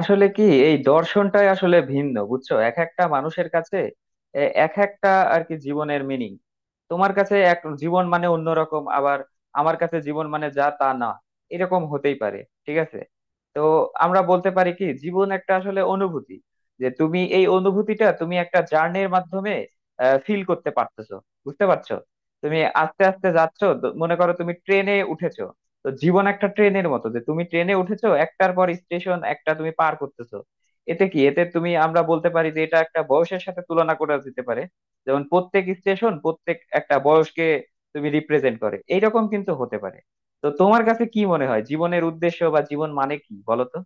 আসলে কি, এই দর্শনটাই আসলে ভিন্ন বুঝছো এক একটা মানুষের কাছে। এক একটা আর কি জীবনের মিনিং। তোমার কাছে এক জীবন মানে অন্যরকম, আবার আমার কাছে জীবন মানে যা তা না। এরকম হতেই পারে। ঠিক আছে। তো আমরা বলতে পারি কি, জীবন একটা আসলে অনুভূতি, যে তুমি এই অনুভূতিটা তুমি একটা জার্নির মাধ্যমে ফিল করতে পারতেছো। বুঝতে পারছো? তুমি আস্তে আস্তে যাচ্ছো, মনে করো তুমি ট্রেনে উঠেছো। তো জীবন একটা ট্রেনের মতো, যে তুমি ট্রেনে উঠেছো, একটার পর স্টেশন একটা তুমি পার করতেছো। এতে তুমি আমরা বলতে পারি যে এটা একটা বয়সের সাথে তুলনা করা যেতে পারে। যেমন প্রত্যেক স্টেশন প্রত্যেক একটা বয়সকে তুমি রিপ্রেজেন্ট করে, এইরকম কিন্তু হতে পারে। তো তোমার কাছে কি মনে হয় জীবনের উদ্দেশ্য বা জীবন মানে কি বলো তো?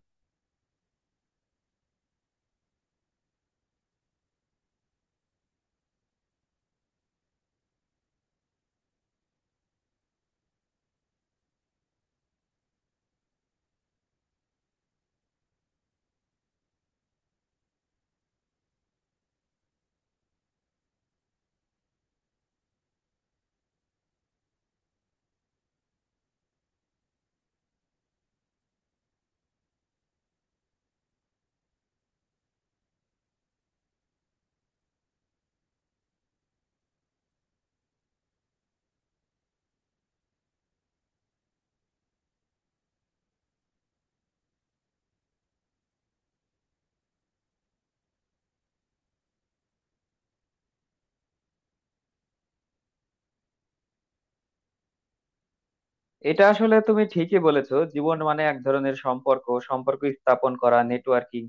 এটা আসলে তুমি ঠিকই বলেছো, জীবন মানে এক ধরনের সম্পর্ক, সম্পর্ক স্থাপন করা, নেটওয়ার্কিং।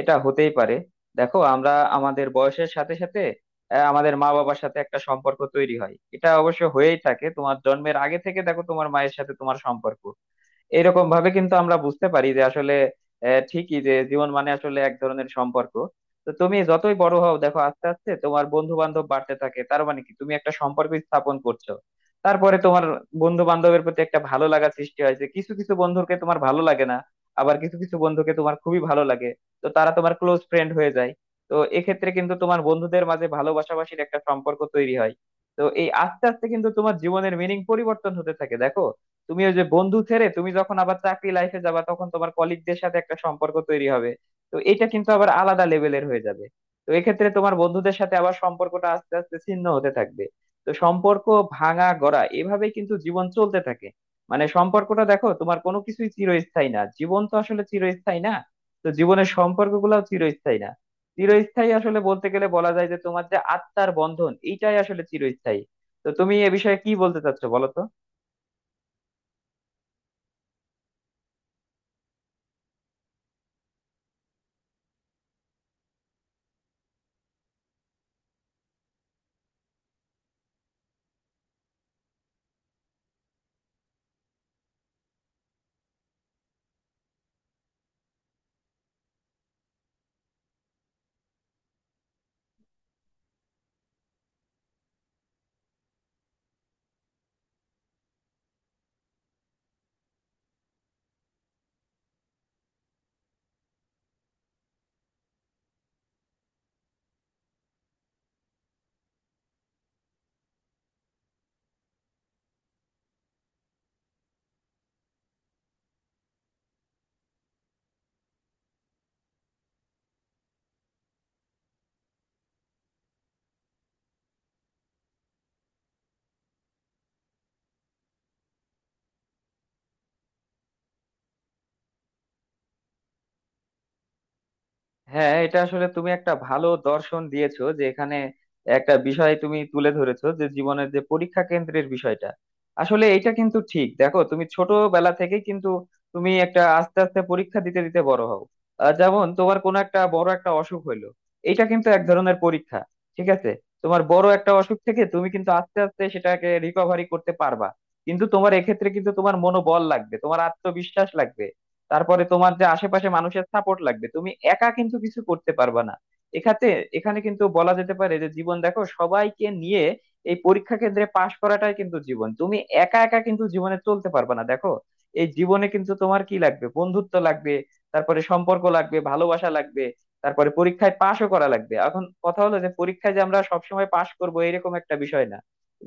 এটা হতেই পারে। দেখো আমরা আমাদের বয়সের সাথে সাথে আমাদের মা বাবার সাথে একটা সম্পর্ক তৈরি হয়, এটা অবশ্য হয়েই থাকে তোমার জন্মের আগে থেকে, দেখো তোমার মায়ের সাথে তোমার সম্পর্ক। এরকম ভাবে কিন্তু আমরা বুঝতে পারি যে আসলে ঠিকই যে জীবন মানে আসলে এক ধরনের সম্পর্ক। তো তুমি যতই বড় হও দেখো, আস্তে আস্তে তোমার বন্ধু বান্ধব বাড়তে থাকে, তার মানে কি, তুমি একটা সম্পর্ক স্থাপন করছো। তারপরে তোমার বন্ধু বান্ধবের প্রতি একটা ভালো লাগা সৃষ্টি হয়, যে কিছু কিছু বন্ধুকে তোমার ভালো লাগে না, আবার কিছু কিছু বন্ধুকে তোমার খুবই ভালো লাগে। তো তারা তোমার ক্লোজ ফ্রেন্ড হয়ে যায়। তো এক্ষেত্রে কিন্তু তোমার বন্ধুদের মাঝে ভালোবাসাবাসির একটা সম্পর্ক তৈরি হয়। তো এই আস্তে আস্তে কিন্তু তোমার জীবনের মিনিং পরিবর্তন হতে থাকে, দেখো তুমি ওই যে বন্ধু ছেড়ে, তুমি যখন আবার চাকরি লাইফে যাবা, তখন তোমার কলিগদের সাথে একটা সম্পর্ক তৈরি হবে। তো এটা কিন্তু আবার আলাদা লেভেলের হয়ে যাবে। তো এক্ষেত্রে তোমার বন্ধুদের সাথে আবার সম্পর্কটা আস্তে আস্তে ছিন্ন হতে থাকবে। তো সম্পর্ক ভাঙা গড়া এভাবে কিন্তু জীবন চলতে থাকে। মানে সম্পর্কটা, দেখো তোমার কোনো কিছুই চিরস্থায়ী না, জীবন তো আসলে চিরস্থায়ী না, তো জীবনের সম্পর্কগুলোও চিরস্থায়ী না। চিরস্থায়ী আসলে বলতে গেলে বলা যায় যে তোমার যে আত্মার বন্ধন, এইটাই আসলে চিরস্থায়ী। তো তুমি এ বিষয়ে কি বলতে চাচ্ছো বলো তো? হ্যাঁ, এটা আসলে তুমি একটা ভালো দর্শন দিয়েছো যে এখানে একটা বিষয় তুমি তুলে ধরেছো, যে জীবনের যে পরীক্ষা কেন্দ্রের বিষয়টা। আসলে এটা কিন্তু ঠিক, দেখো তুমি ছোটবেলা থেকে কিন্তু তুমি একটা আস্তে আস্তে পরীক্ষা দিতে দিতে বড় হও। যেমন তোমার কোনো একটা বড় একটা অসুখ হইলো, এটা কিন্তু এক ধরনের পরীক্ষা। ঠিক আছে। তোমার বড় একটা অসুখ থেকে তুমি কিন্তু আস্তে আস্তে সেটাকে রিকভারি করতে পারবা, কিন্তু তোমার এক্ষেত্রে কিন্তু তোমার মনোবল লাগবে, তোমার আত্মবিশ্বাস লাগবে। তারপরে তোমার যে আশেপাশে মানুষের সাপোর্ট লাগবে, তুমি একা কিন্তু কিছু করতে পারবা না। এখাতে এখানে কিন্তু বলা যেতে পারে যে জীবন দেখো সবাইকে নিয়ে, এই পরীক্ষা কেন্দ্রে পাশ করাটাই কিন্তু জীবন। তুমি একা একা কিন্তু জীবনে চলতে পারবা না, দেখো এই জীবনে কিন্তু তোমার কি লাগবে, বন্ধুত্ব লাগবে, তারপরে সম্পর্ক লাগবে, ভালোবাসা লাগবে, তারপরে পরীক্ষায় পাশও করা লাগবে। এখন কথা হলো যে পরীক্ষায় যে আমরা সবসময় পাশ করবো, এরকম একটা বিষয় না।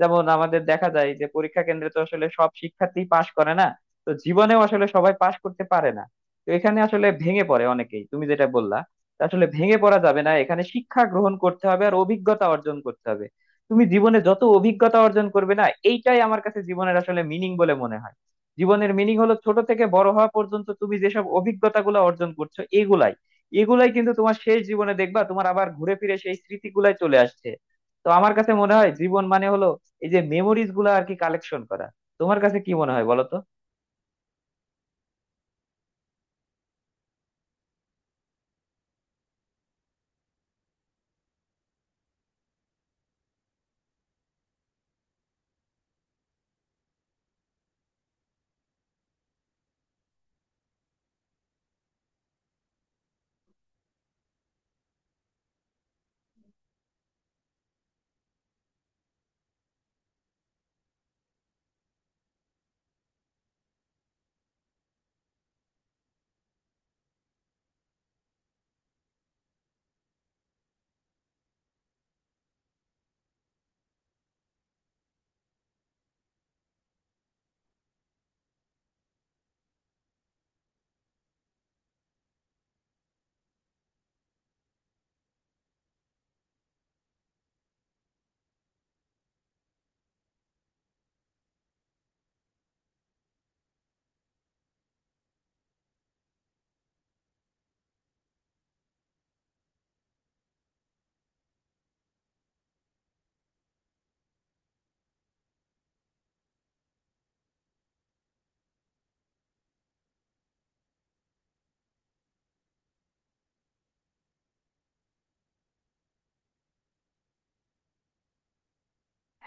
যেমন আমাদের দেখা যায় যে পরীক্ষা কেন্দ্রে তো আসলে সব শিক্ষার্থী পাশ করে না, তো জীবনেও আসলে সবাই পাশ করতে পারে না। তো এখানে আসলে ভেঙে পড়ে অনেকেই, তুমি যেটা বললা, তা আসলে ভেঙে পড়া যাবে না, এখানে শিক্ষা গ্রহণ করতে হবে আর অভিজ্ঞতা অর্জন করতে হবে। তুমি জীবনে যত অভিজ্ঞতা অর্জন করবে না, এইটাই আমার কাছে জীবনের আসলে মিনিং বলে মনে হয়। জীবনের মিনিং হলো ছোট থেকে বড় হওয়া পর্যন্ত তুমি যেসব অভিজ্ঞতাগুলো অর্জন করছো, এগুলাই এগুলাই কিন্তু তোমার শেষ জীবনে দেখবা তোমার আবার ঘুরে ফিরে সেই স্মৃতিগুলাই চলে আসছে। তো আমার কাছে মনে হয় জীবন মানে হলো এই যে মেমোরিজ গুলো আর কি কালেকশন করা। তোমার কাছে কি মনে হয় বলো তো?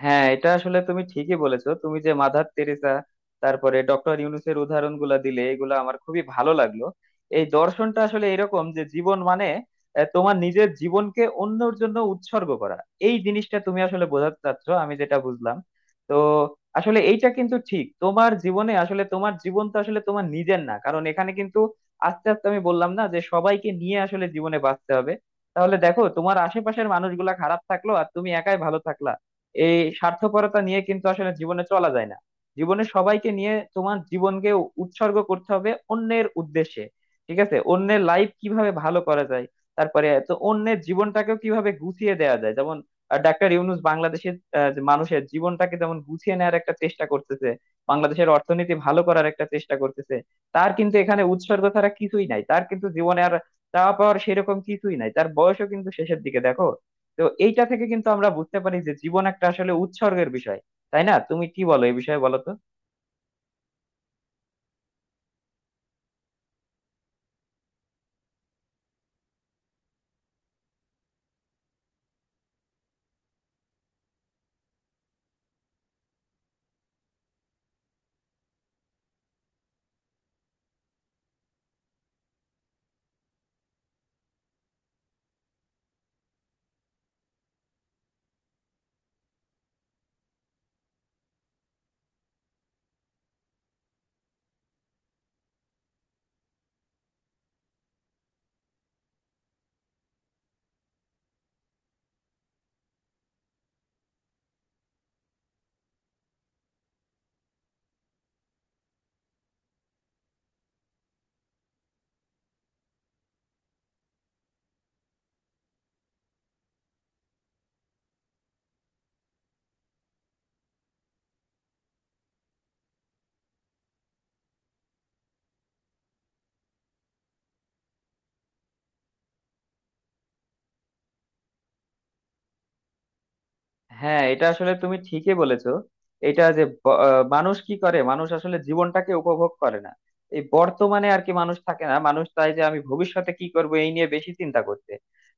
হ্যাঁ, এটা আসলে তুমি ঠিকই বলেছো, তুমি যে মাদার তেরেসা তারপরে ডক্টর ইউনুসের উদাহরণ গুলা দিলে, এগুলো আমার খুবই ভালো লাগলো। এই দর্শনটা আসলে এরকম যে জীবন মানে তোমার নিজের জীবনকে অন্যের জন্য উৎসর্গ করা। এই জিনিসটা তুমি আসলে বোঝাতে চাচ্ছ, আমি যেটা বুঝলাম। তো আসলে এইটা কিন্তু ঠিক, তোমার জীবনে আসলে তোমার জীবন তো আসলে তোমার নিজের না, কারণ এখানে কিন্তু আস্তে আস্তে আমি বললাম না যে সবাইকে নিয়ে আসলে জীবনে বাঁচতে হবে। তাহলে দেখো, তোমার আশেপাশের মানুষগুলা খারাপ থাকলো আর তুমি একাই ভালো থাকলা, এই স্বার্থপরতা নিয়ে কিন্তু আসলে জীবনে চলা যায় না। জীবনে সবাইকে নিয়ে তোমার জীবনকে উৎসর্গ করতে হবে অন্যের উদ্দেশ্যে। ঠিক আছে? অন্যের লাইফ কিভাবে ভালো করা যায়, তারপরে তো অন্যের জীবনটাকেও কিভাবে গুছিয়ে দেওয়া যায়, যেমন ডাক্তার ইউনূস বাংলাদেশের যে মানুষের জীবনটাকে যেমন গুছিয়ে নেওয়ার একটা চেষ্টা করতেছে, বাংলাদেশের অর্থনীতি ভালো করার একটা চেষ্টা করতেছে। তার কিন্তু এখানে উৎসর্গ ছাড়া কিছুই নাই, তার কিন্তু জীবনে আর চাওয়া পাওয়ার সেরকম কিছুই নাই, তার বয়সও কিন্তু শেষের দিকে, দেখো। তো এইটা থেকে কিন্তু আমরা বুঝতে পারি যে জীবন একটা আসলে উৎসর্গের বিষয়। তাই না? তুমি কি বলো এই বিষয়ে বলো তো? হ্যাঁ, এটা আসলে তুমি ঠিকই বলেছো। এটা যে মানুষ কি করে, মানুষ আসলে জীবনটাকে উপভোগ করে না। এই বর্তমানে আর কি মানুষ থাকে না, মানুষ চায় যে আমি ভবিষ্যতে কি করব, এই নিয়ে বেশি চিন্তা করতে।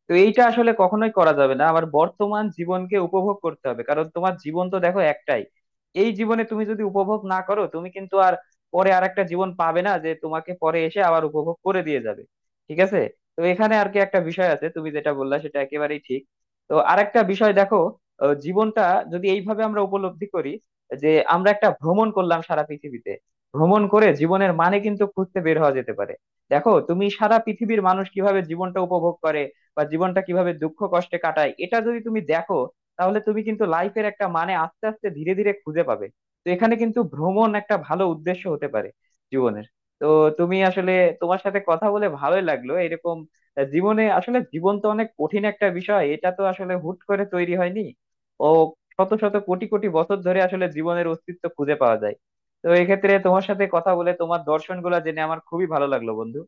তো এইটা আসলে কখনোই করা যাবে না, আমার বর্তমান জীবনকে উপভোগ করতে হবে, কারণ তোমার জীবন তো দেখো একটাই। এই জীবনে তুমি যদি উপভোগ না করো, তুমি কিন্তু আর পরে আর একটা জীবন পাবে না, যে তোমাকে পরে এসে আবার উপভোগ করে দিয়ে যাবে। ঠিক আছে। তো এখানে আর কি একটা বিষয় আছে, তুমি যেটা বললা সেটা একেবারেই ঠিক। তো আরেকটা বিষয় দেখো, জীবনটা যদি এইভাবে আমরা উপলব্ধি করি যে আমরা একটা ভ্রমণ করলাম সারা পৃথিবীতে, ভ্রমণ করে জীবনের মানে কিন্তু খুঁজতে বের হওয়া যেতে পারে। দেখো তুমি সারা পৃথিবীর মানুষ কিভাবে জীবনটা উপভোগ করে বা জীবনটা কিভাবে দুঃখ কষ্টে কাটায়, এটা যদি তুমি দেখো, তাহলে তুমি কিন্তু লাইফের একটা মানে আস্তে আস্তে ধীরে ধীরে খুঁজে পাবে। তো এখানে কিন্তু ভ্রমণ একটা ভালো উদ্দেশ্য হতে পারে জীবনের। তো তুমি আসলে তোমার সাথে কথা বলে ভালোই লাগলো। এরকম জীবনে আসলে জীবন তো অনেক কঠিন একটা বিষয়, এটা তো আসলে হুট করে তৈরি হয়নি। ও শত শত কোটি কোটি বছর ধরে আসলে জীবনের অস্তিত্ব খুঁজে পাওয়া যায়। তো এক্ষেত্রে তোমার সাথে কথা বলে তোমার দর্শন গুলা জেনে আমার খুবই ভালো লাগলো, বন্ধু।